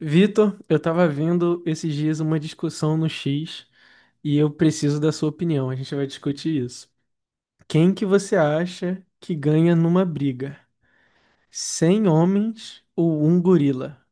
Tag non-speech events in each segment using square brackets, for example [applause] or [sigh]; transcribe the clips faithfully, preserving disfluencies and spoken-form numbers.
Vitor, eu tava vendo esses dias uma discussão no X e eu preciso da sua opinião. A gente vai discutir isso. Quem que você acha que ganha numa briga? Cem homens ou um gorila?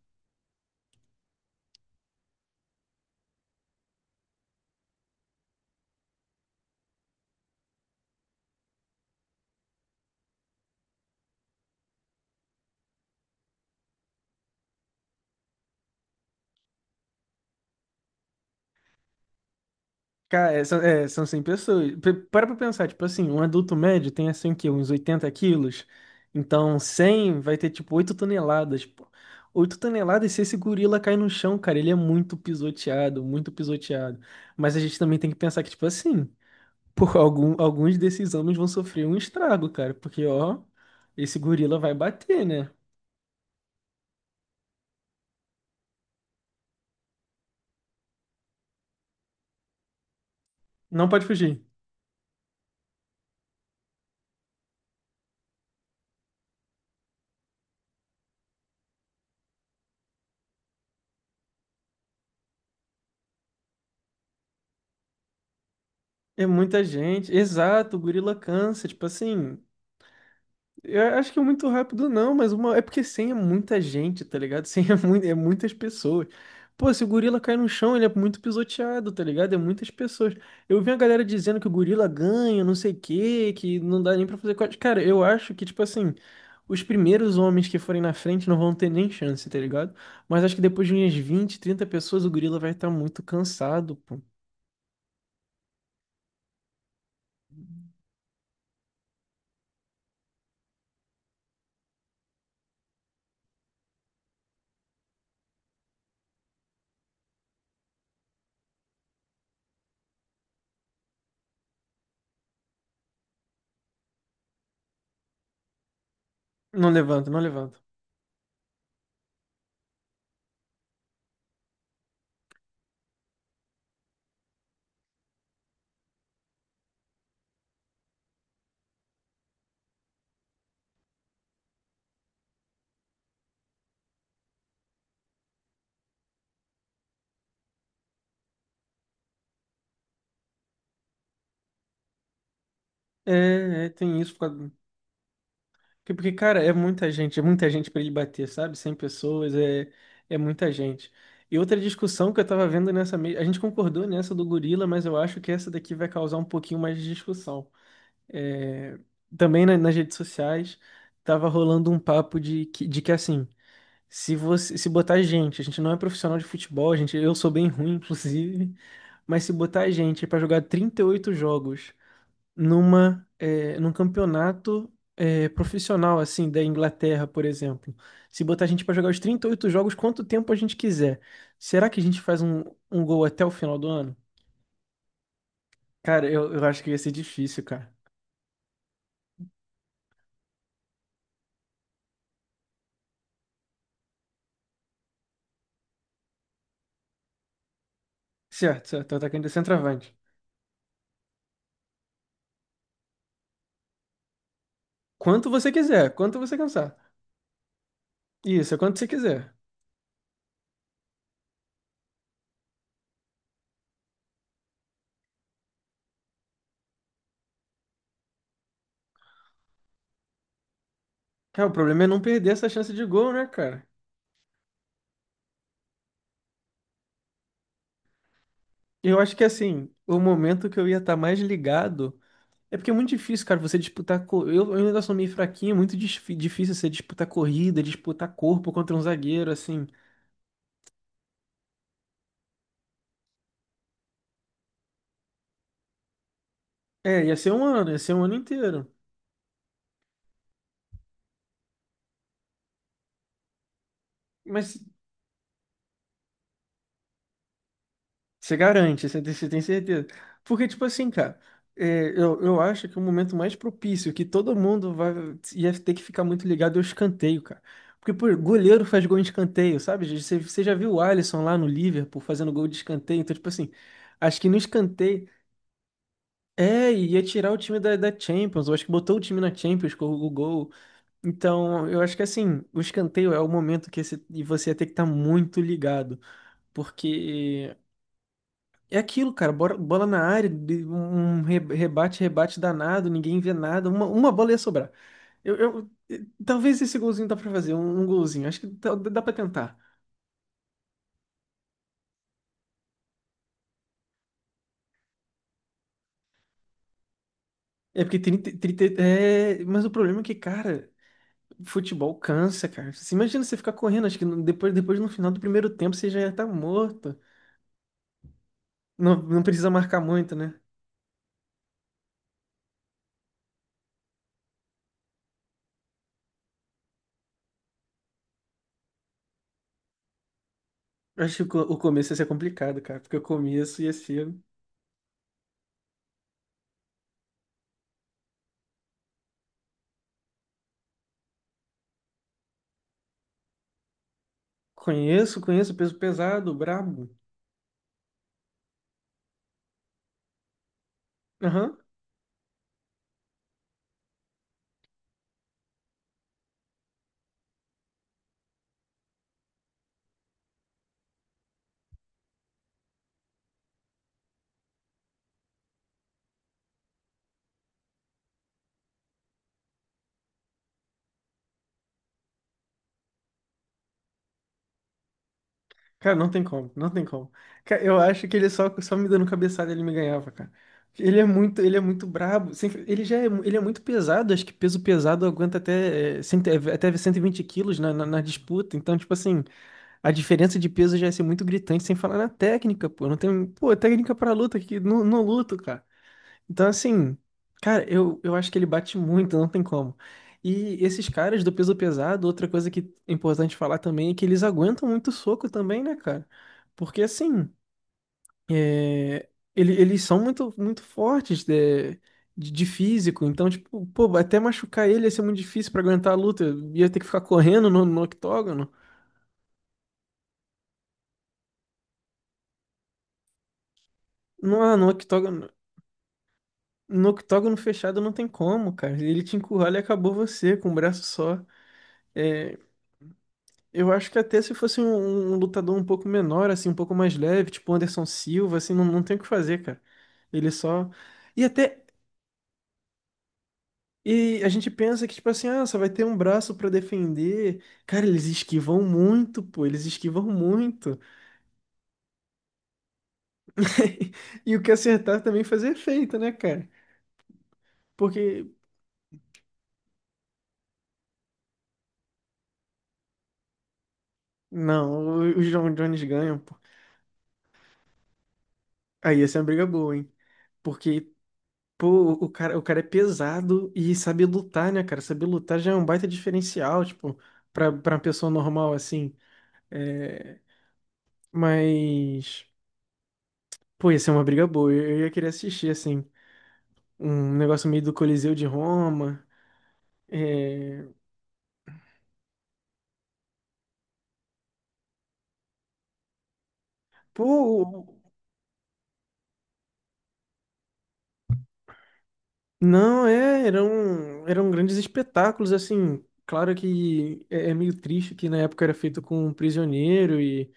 Cara, é, são, é, são cem pessoas. P- Para pra pensar, tipo assim, um adulto médio tem assim o quê? Uns oitenta quilos. Então cem vai ter tipo oito toneladas, pô. oito toneladas, se esse gorila cai no chão, cara, ele é muito pisoteado, muito pisoteado. Mas a gente também tem que pensar que, tipo assim. Por algum, alguns desses homens vão sofrer um estrago, cara, porque ó, esse gorila vai bater, né? Não pode fugir. É muita gente. Exato, o gorila cansa, tipo assim. Eu acho que é muito rápido, não, mas uma... é porque cem é muita gente, tá ligado? [laughs] Cem é, mui- é muitas pessoas. Pô, se o gorila cai no chão, ele é muito pisoteado, tá ligado? É muitas pessoas. Eu vi a galera dizendo que o gorila ganha, não sei o quê, que não dá nem pra fazer corte. Cara, eu acho que, tipo assim, os primeiros homens que forem na frente não vão ter nem chance, tá ligado? Mas acho que depois de umas vinte, trinta pessoas, o gorila vai estar muito cansado, pô. Não levanta, não levanta. É, é, tem isso. Porque, porque, cara, é muita gente, é muita gente pra ele bater, sabe? Cem pessoas, é, é muita gente. E outra discussão que eu tava vendo nessa mesma. A gente concordou nessa do gorila, mas eu acho que essa daqui vai causar um pouquinho mais de discussão. É, também na- nas redes sociais, tava rolando um papo de que, de que assim, se você se botar gente, a gente não é profissional de futebol, a gente, eu sou bem ruim, [laughs] inclusive, mas se botar gente pra jogar trinta e oito jogos numa eh, num campeonato eh, profissional assim da Inglaterra, por exemplo. Se botar a gente para jogar os trinta e oito jogos, quanto tempo a gente quiser, será que a gente faz um, um gol até o final do ano? Cara, eu, eu acho que ia ser difícil, cara. Certo, certo, tô atacando de centroavante. Quanto você quiser, quanto você cansar. Isso, é quanto você quiser. Cara, o problema é não perder essa chance de gol, né, cara? Eu acho que assim, o momento que eu ia estar mais ligado. É porque é muito difícil, cara, você disputar. co- Eu, eu ainda sou meio fraquinho, é muito dis- difícil você disputar corrida, disputar corpo contra um zagueiro, assim. É, ia ser um ano, ia ser um ano inteiro. Mas você garante, você tem, você tem certeza. Porque, tipo assim, cara, é, eu, eu acho que o momento mais propício que todo mundo vai, ia ter que ficar muito ligado é o escanteio, cara. Porque, pô, goleiro faz gol em escanteio, sabe? Você, você já viu o Alisson lá no Liverpool fazendo gol de escanteio? Então, tipo assim, acho que no escanteio. É, e ia tirar o time da, da Champions. Eu acho que botou o time na Champions com o gol. Então, eu acho que assim, o escanteio é o momento que esse- e você ia ter que estar muito ligado. Porque é aquilo, cara, bora- bola na área, de- um re- rebate, rebate danado, ninguém vê nada, uma, uma bola ia sobrar. Eu, eu- eh, talvez esse golzinho dá pra fazer, um, um golzinho. Acho que dá, dá pra tentar. É porque trinta, trinta, é, mas o problema é que, cara, futebol cansa, cara. Você imagina você ficar correndo, acho que no- depois, depois no final do primeiro tempo você já ia estar morto. Não, não precisa marcar muito, né? Eu acho que o co- o começo ia ser complicado, cara, porque o começo ia ser. Conheço, conheço, peso pesado, brabo. Aham. Cara, não tem como, não tem como. Cara, eu acho que ele só, só me dando cabeçada ele me ganhava, cara. Ele é muito, ele é muito brabo. Sempre- Ele já é, mu- ele é muito pesado, acho que peso pesado aguenta até, eh, cento- é, até cento e vinte quilos na, na na disputa. Então, tipo assim. A diferença de peso já ia ser muito gritante, sem falar na técnica, pô. Não tem, pô, técnica pra luta, que não, não luto, cara. Então, assim, cara, eu, eu acho que ele bate muito, não tem como. E esses caras do peso pesado, outra coisa que é importante falar também é que eles aguentam muito soco também, né, cara? Porque, assim, é, ele- eles são muito, muito fortes de, de, de físico, então, tipo, pô, até machucar ele ia ser muito difícil pra aguentar a luta. Ia ter que ficar correndo no, no octógono. Não, ah, no octógono. No octógono fechado não tem como, cara. Ele te encurrala e acabou você com um braço só. É, eu acho que até se fosse um, um lutador um pouco menor, assim, um pouco mais leve, tipo o Anderson Silva, assim, não, não tem o que fazer, cara. Ele só. E até. E a gente pensa que, tipo assim, ah, só vai ter um braço pra defender. Cara, eles esquivam muito, pô, eles esquivam muito. [laughs] E o que acertar também faz efeito, né, cara? Porque. Não, os John Jones ganham, pô. Aí ia ser uma briga boa, hein? Porque Pô, o cara, o cara é pesado e sabe lutar, né, cara? Saber lutar já é um baita diferencial, tipo, pra, pra uma pessoa normal, assim. É, mas, pô, ia ser uma briga boa. Eu, eu ia querer assistir, assim, um negócio meio do Coliseu de Roma. É, pô, não, é, eram, eram grandes espetáculos, assim. Claro que é, é meio triste que na época era feito com um prisioneiro e.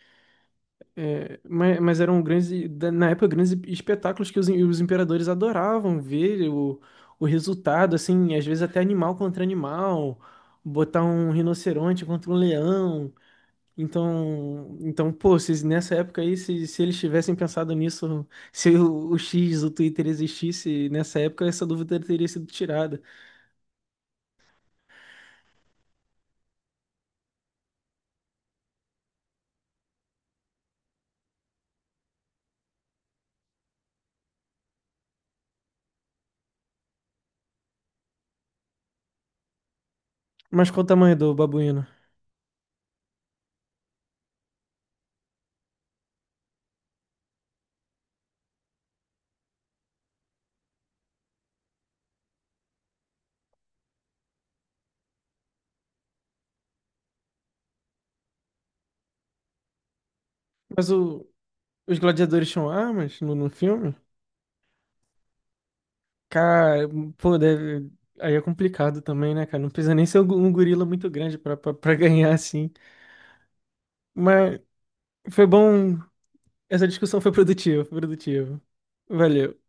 É, mas, mas eram grandes, e- da- na época, grandes espetáculos que os, im- os imperadores adoravam ver o, o resultado, assim, às vezes até animal contra animal, botar um rinoceronte contra um leão. Então, então, pô, se nessa época aí, se, se eles tivessem pensado nisso, [laughs] se o, o X, o Twitter existisse nessa época, essa dúvida teria sido tirada. Mas qual o tamanho do babuíno? Mas o- os gladiadores tinham armas no, no filme? Cara, pô, deve, aí é complicado também, né, cara? Não precisa nem ser um gu- um gorila muito grande pra, pra, pra, [laughs] ganhar, assim. Mas foi bom. Essa discussão foi produtiva, foi produtiva. Valeu.